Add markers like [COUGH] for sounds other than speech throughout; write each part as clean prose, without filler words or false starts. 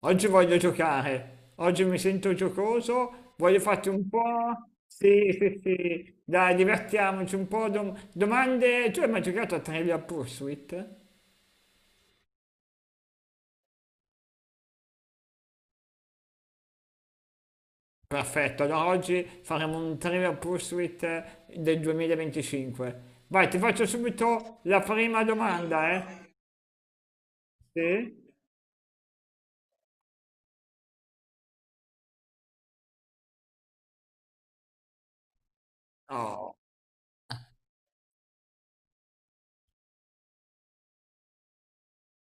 Oggi voglio giocare, oggi mi sento giocoso, voglio farti un po'. Sì, sì, sì, dai, divertiamoci un po'. Domande, tu hai mai giocato a Trivial Pursuit? Perfetto, allora oggi faremo un Trivial Pursuit del 2025. Vai, ti faccio subito la prima domanda, eh? Sì? Oh,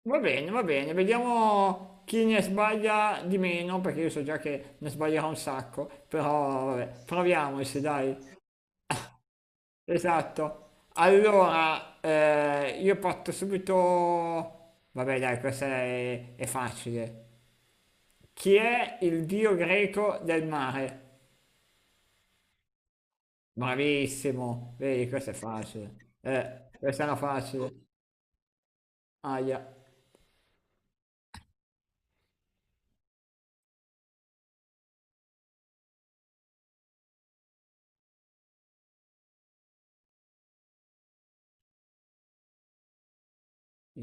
va bene, vediamo chi ne sbaglia di meno, perché io so già che ne sbaglierò un sacco, però vabbè, proviamoci, dai. Esatto. Allora, io parto subito... Vabbè, dai, è facile. Chi è il dio greco del mare? Bravissimo. Vedi, questa è facile. Questa è una facile. Aia.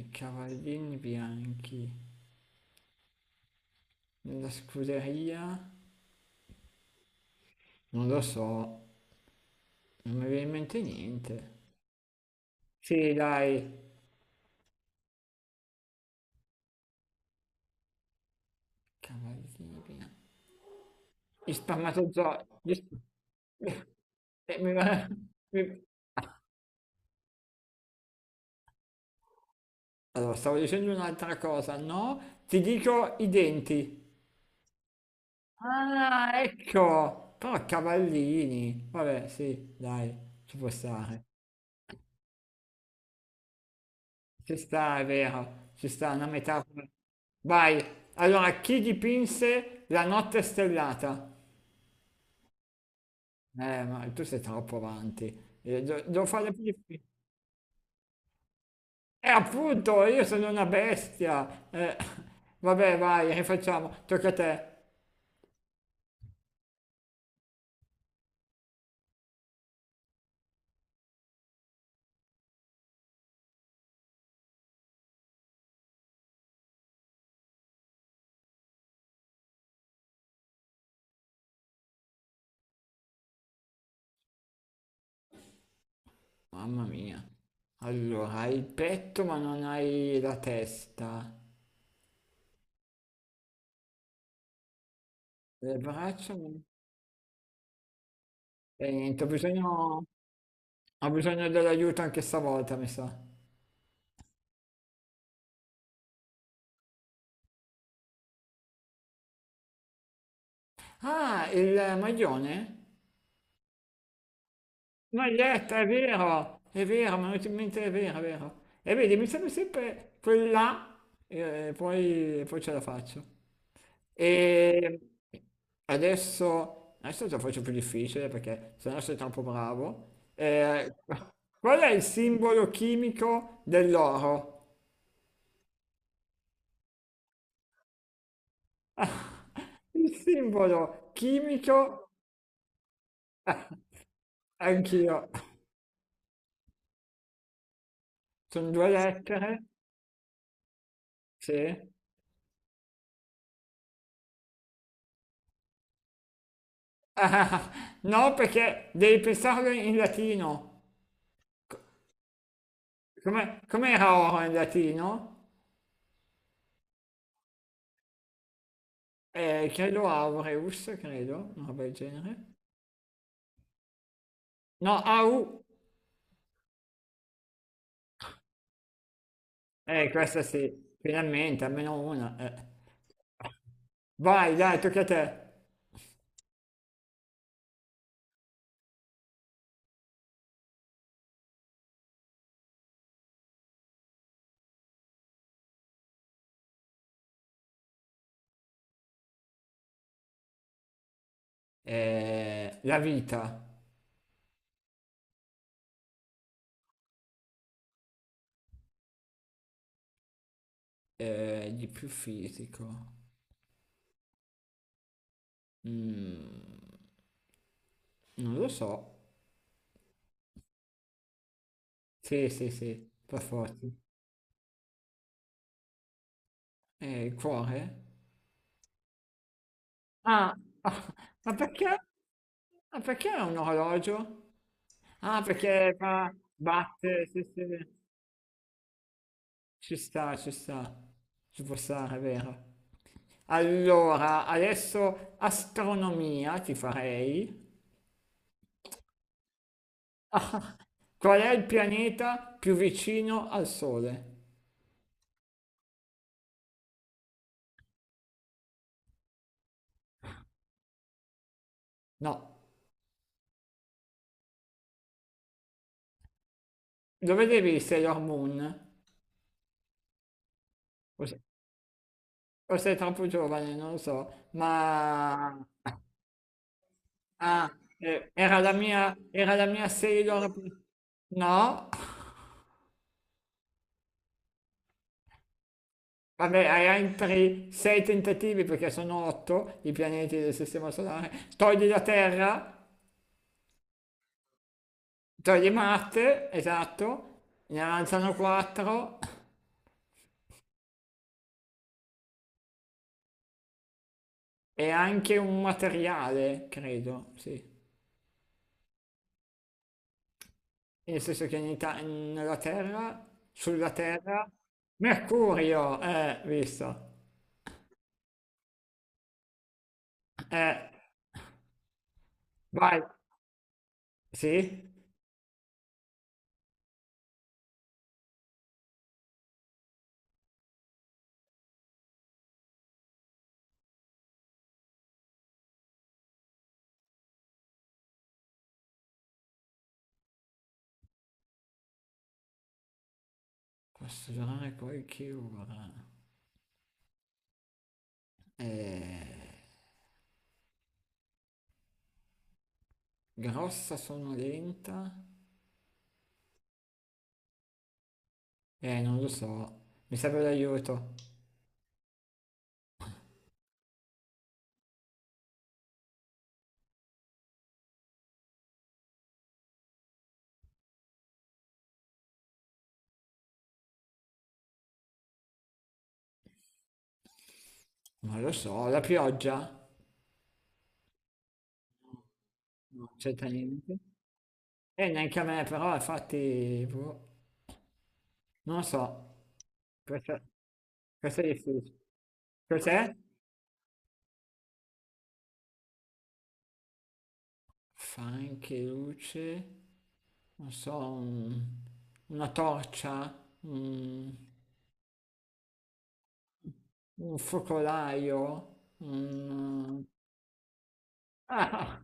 I cavallini bianchi. Nella scuderia? Non lo so. Non mi viene in mente niente. Sì, dai. Cavallini bianchi, gli spermatozoi, [LAUGHS] e [LAUGHS] mi- Allora, stavo dicendo un'altra cosa, no? Ti dico i denti. Ah, ecco! Però cavallini. Vabbè, sì, dai, ci può stare. Ci sta, è vero. Ci sta una metafora. Vai. Allora, chi dipinse la notte stellata? Ma tu sei troppo avanti. Devo fare più difficile. E appunto, io sono una bestia. Vabbè, vai, rifacciamo. Tocca a te. Mamma mia. Allora, hai il petto ma non hai la testa. Le braccia... E niente, ho bisogno dell'aiuto anche stavolta, mi sa. Ah, il maglione? Maglietta, è vero, mi è venuto in mente, è vero, è vero. E vedi, mi serve sempre quella e poi ce la faccio. E adesso te lo faccio più difficile perché sennò sei troppo bravo. Qual è il simbolo chimico dell'oro? [LAUGHS] Il simbolo chimico, anch'io. Sono due lettere, sì. Ah, no, perché devi pensarlo in latino. Com'era oro in latino? Credo aureus, credo, una roba del genere. No, au. Questa sì, finalmente, almeno una. Eh. Vai, dai, tocca a te. La vita, di più fisico. Mm, non lo so. Sì, sì, sì, per forza. Il cuore? Ah, [LAUGHS] ah, ma perché? Ma perché è un orologio? Ah, perché fa batte, sì, sì, ci sta, ci sta, ci può stare, è vero. Allora, adesso astronomia ti farei. [LAUGHS] Ah, qual è il pianeta più vicino al Sole? No, lo vedevi Sailor Moon? O se- o sei troppo giovane, non lo so, ma [LAUGHS] ah, era era la mia Sailor... No? Vabbè, hai altri sei tentativi perché sono otto i pianeti del Sistema Solare. Togli la Terra, togli Marte, esatto, ne avanzano quattro e anche un materiale, credo, sì. Nel senso che nella Terra, sulla Terra, Mercurio, visto, eh, vai, sì? Posso durare qualche ora. Eh, grossa sonolenta? Non lo so, mi serve l'aiuto. Non lo so, la pioggia? No, certamente. E neanche a me, però, infatti, boh, non lo so, questa, questa è difficile. Cos'è? Fa anche luce, non so, un- una torcia, un, un focolaio, un... Ah!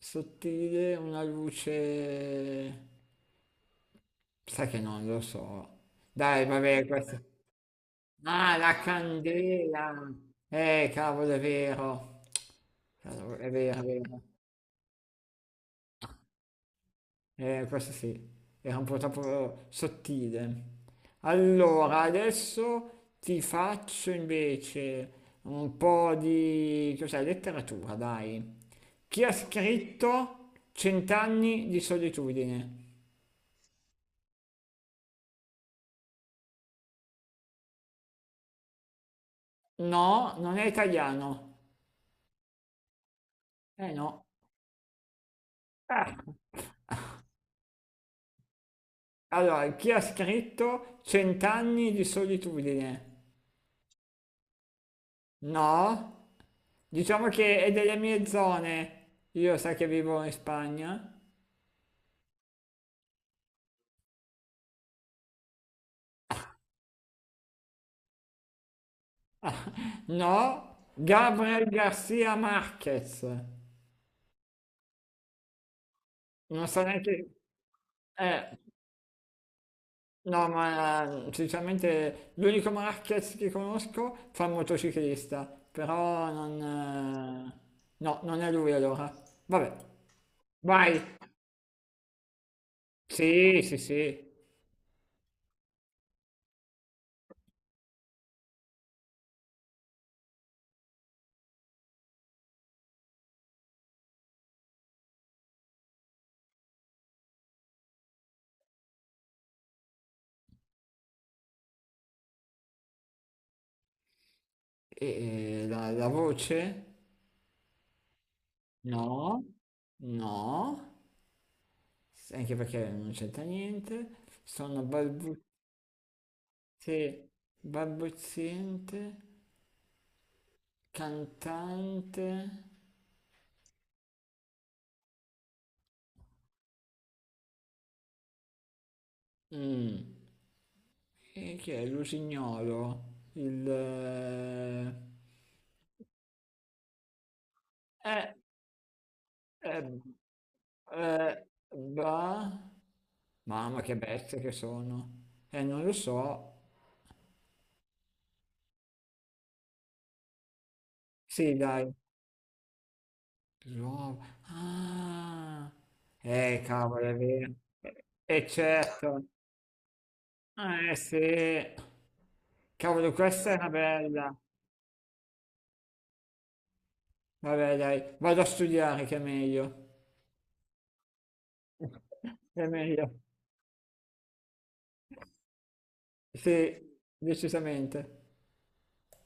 Sottile, una luce... Sai che non lo so. Dai, vabbè, questa... Ah, la candela! Cavolo, è vero. Cavolo, è vero, è vero. Questo sì, era un po' troppo sottile. Allora, adesso ti faccio invece un po' di, cos'è, letteratura, dai. Chi ha scritto Cent'anni di solitudine? No, non è italiano. Eh no. Ah. Allora, chi ha scritto Cent'anni di solitudine? No. Diciamo che è delle mie zone. Io sai che vivo in Spagna. No? Gabriel Garcia Marquez. Non so neanche... Eh, no, ma sinceramente l'unico Marquez che conosco fa il motociclista, però non... eh, no, non è lui allora. Vabbè, vai. Sì, sì, sì. E la voce? No, no. Anche perché non c'entra niente. Sono balbuziente. Cantante? Mm. E chi è? Lusignolo? Il... Eh, eh, ba... Mamma che bestie che sono. Non lo so. Sì, dai. Ruolo. Ah. Cavolo, è vero. E certo. Sì. Cavolo, questa è una bella. Vabbè, dai, vado a studiare che è meglio. [LAUGHS] È meglio. Sì, decisamente.